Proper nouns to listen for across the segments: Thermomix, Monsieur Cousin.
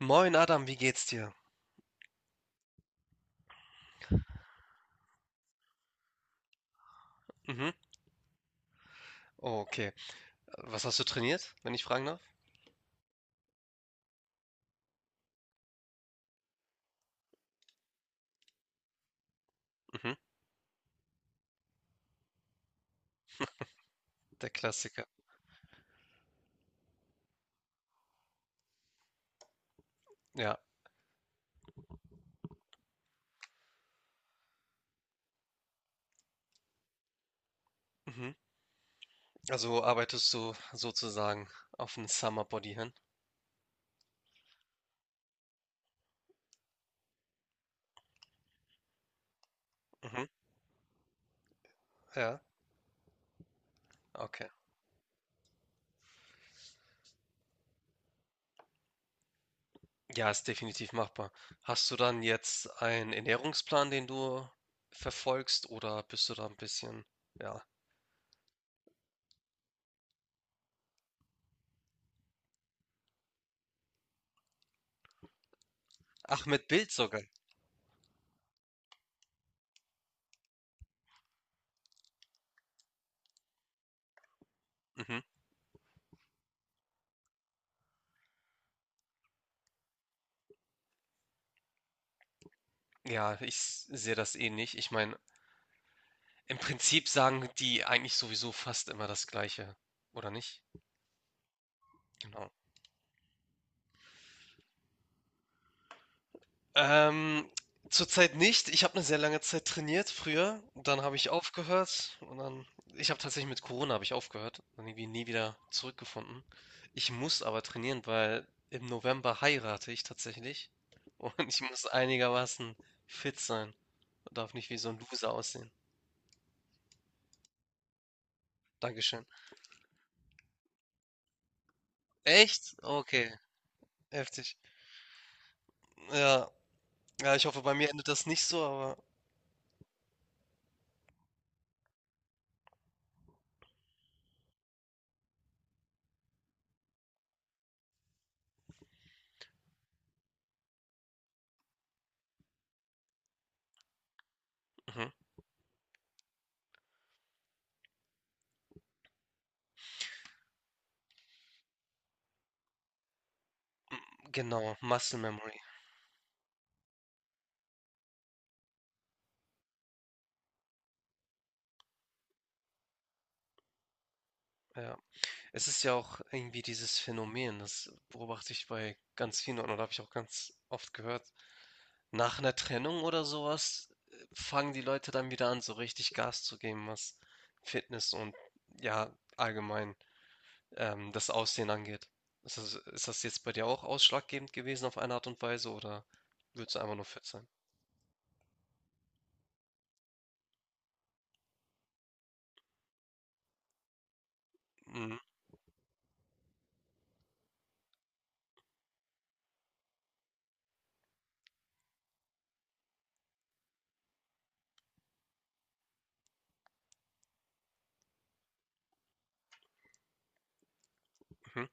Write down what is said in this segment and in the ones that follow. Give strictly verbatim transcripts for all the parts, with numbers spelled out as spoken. Moin Adam, wie geht's dir? Mhm. Oh, okay. Was hast du trainiert, wenn ich fragen darf? Mhm. Der Klassiker. Ja. Mhm. Also arbeitest du sozusagen auf ein Summer Body hin? Mhm. Ja. Okay. Ja, ist definitiv machbar. Hast du dann jetzt einen Ernährungsplan, den du verfolgst, oder bist du da ein bisschen, ja. Ach, mit Bild sogar. Mhm. Ja, ich s- sehe das ähnlich. Ich meine, im Prinzip sagen die eigentlich sowieso fast immer das Gleiche, oder nicht? Genau. Ähm, Zurzeit nicht. Ich habe eine sehr lange Zeit trainiert früher, dann habe ich aufgehört und dann ich habe tatsächlich mit Corona habe ich aufgehört und irgendwie nie wieder zurückgefunden. Ich muss aber trainieren, weil im November heirate ich tatsächlich und ich muss einigermaßen fit sein, darf nicht wie so ein Loser aussehen. Dankeschön. Echt? Okay, heftig. Ja, ja, ich hoffe, bei mir endet das nicht so, aber mhm, genau, Muscle Memory, ja. Es ist ja auch irgendwie dieses Phänomen, das beobachte ich bei ganz vielen Leuten oder habe ich auch ganz oft gehört. Nach einer Trennung oder sowas äh, fangen die Leute dann wieder an, so richtig Gas zu geben, was Fitness und ja, allgemein ähm, das Aussehen angeht. Ist das, ist das jetzt bei dir auch ausschlaggebend gewesen auf eine Art und Weise oder würdest du einfach nur fit sein? Mhm. Mhm.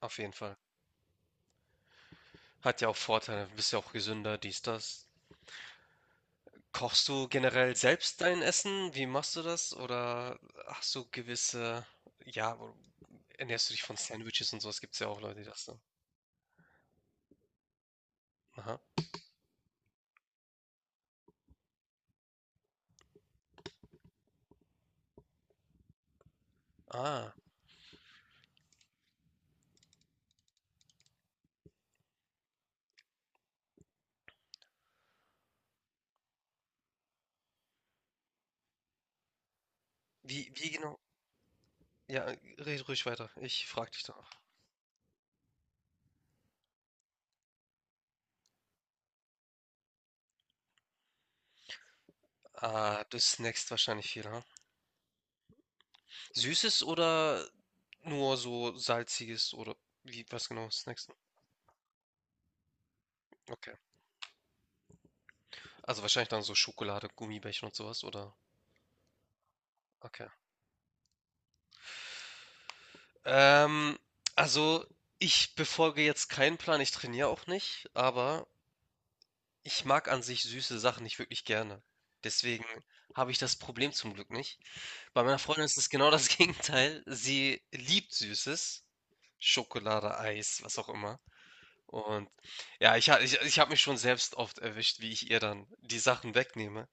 Auf jeden Fall. Hat ja auch Vorteile, bist ja auch gesünder, dies, das. Kochst du generell selbst dein Essen? Wie machst du das? Oder hast du gewisse, ja, wo- ernährst du dich von Sandwiches und sowas? Gibt es ja auch Leute, die das so. Aha. Ah, wie, wie genau? Ja, red ruhig weiter. Ich frag dich doch. Ah, du snackst wahrscheinlich viel, ha? Süßes oder nur so salziges oder wie, was genau snackst du? Okay. Also wahrscheinlich dann so Schokolade, Gummibärchen und sowas, oder? Okay. Ähm, also ich befolge jetzt keinen Plan, ich trainiere auch nicht, aber ich mag an sich süße Sachen nicht wirklich gerne. Deswegen habe ich das Problem zum Glück nicht. Bei meiner Freundin ist es genau das Gegenteil. Sie liebt Süßes, Schokolade, Eis, was auch immer. Und ja, ich, ha- ich, ich habe mich schon selbst oft erwischt, wie ich ihr dann die Sachen wegnehme.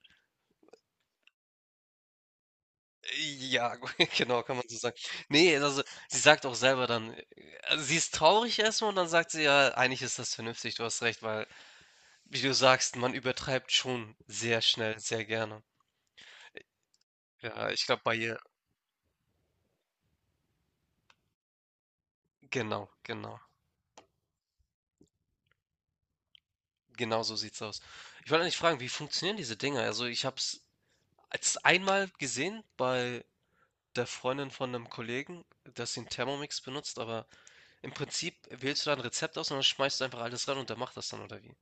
Ja, genau, kann man so sagen. Ne, also, sie sagt auch selber dann äh, also, sie ist traurig erstmal und dann sagt sie: „Ja, eigentlich ist das vernünftig, du hast recht“, weil, wie du sagst, man übertreibt schon sehr schnell, sehr gerne. Ja, ich glaube bei ihr genau, genau. Genau so sieht's aus. Ich wollte eigentlich fragen, wie funktionieren diese Dinger? Also, ich habe es als einmal gesehen bei der Freundin von einem Kollegen, dass sie 'n Thermomix benutzt, aber im Prinzip wählst du da ein Rezept aus und dann schmeißt du einfach alles rein und der macht das dann, oder wie?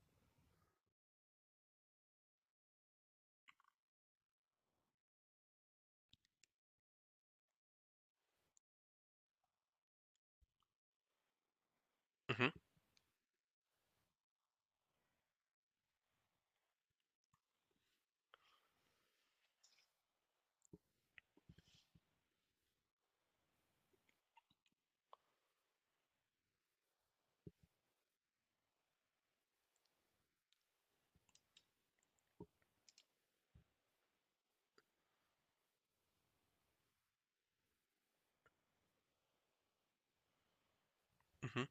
Mhm, mhm.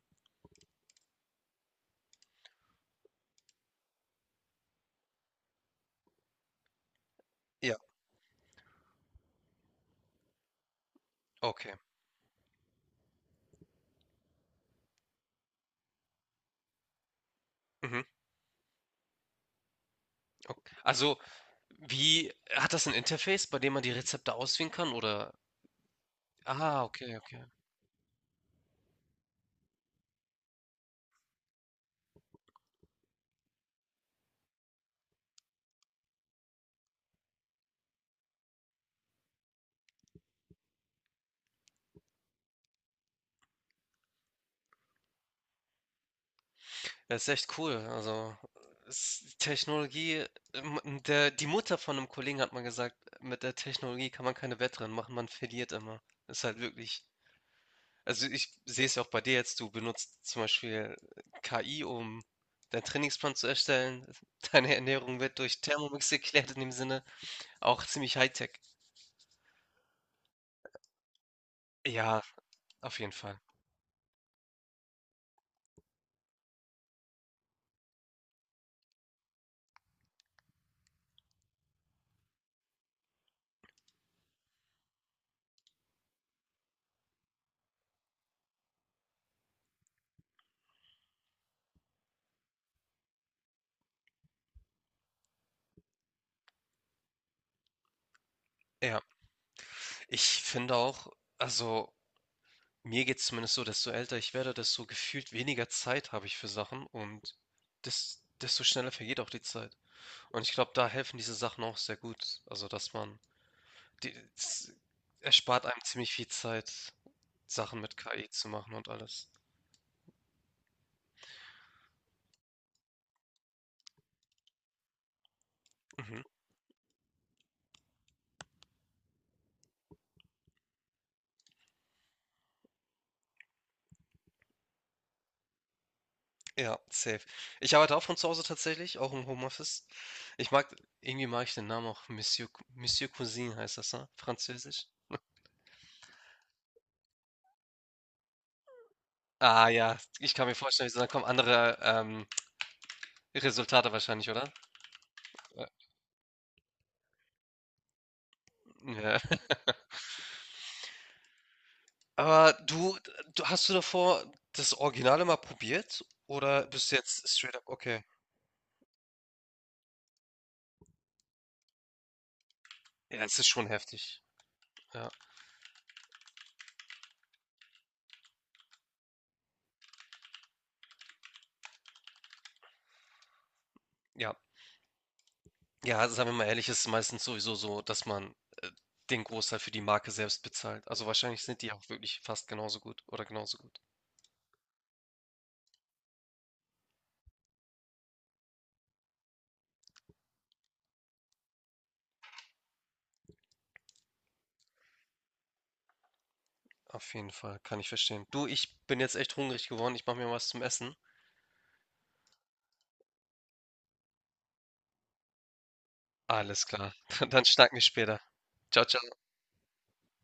Ja. Okay. Mhm. Ok also, wie hat das ein Interface, bei dem man die Rezepte auswählen kann oder ah, okay, okay. Das ist echt cool. Also, ist Technologie ähm, der die Mutter von einem Kollegen hat mal gesagt: „Mit der Technologie kann man keine Wettrennen machen, man verliert immer.“ Ist halt wirklich also, ich sehe es ja auch bei dir jetzt, du benutzt zum Beispiel K I, um deinen Trainingsplan zu erstellen. Deine Ernährung wird durch Thermomix geklärt in dem Sinne, auch ziemlich High Tech. Ja, auf jeden Fall. Ja. Ich finde auch, also mir geht's zumindest so, desto älter ich werde, desto gefühlt weniger Zeit habe ich für Sachen und des, desto schneller vergeht auch die Zeit. Und ich glaube, da helfen diese Sachen auch sehr gut. Also, dass man, die, es erspart einem ziemlich viel Zeit, Sachen mit K I zu machen und alles. Mhm. Ja, safe. Ich arbeite auch von zu Hause tatsächlich, auch im Homeoffice. Ich mag, irgendwie mag ich den Namen auch Monsieur, Cou- Monsieur Cousin heißt das, ne? Französisch. Ah ja, ich kann mir vorstellen, da kommen andere, ähm, Resultate wahrscheinlich, oder? Äh, ja. Aber du du hast du davor das Originale mal probiert oder bist du jetzt straight up okay. Ja, es ist schon heftig. Ja, ja. Ja, sagen wir mal ehrlich, ist es meistens sowieso so, dass man, äh, den Großteil für die Marke selbst bezahlt. Also wahrscheinlich sind die auch wirklich fast genauso gut oder genauso gut. Auf jeden Fall, kann ich verstehen. Du, ich bin jetzt echt hungrig geworden. Ich mache mir was zum Essen. Alles klar. Dann schnacken wir später. Ciao, ciao.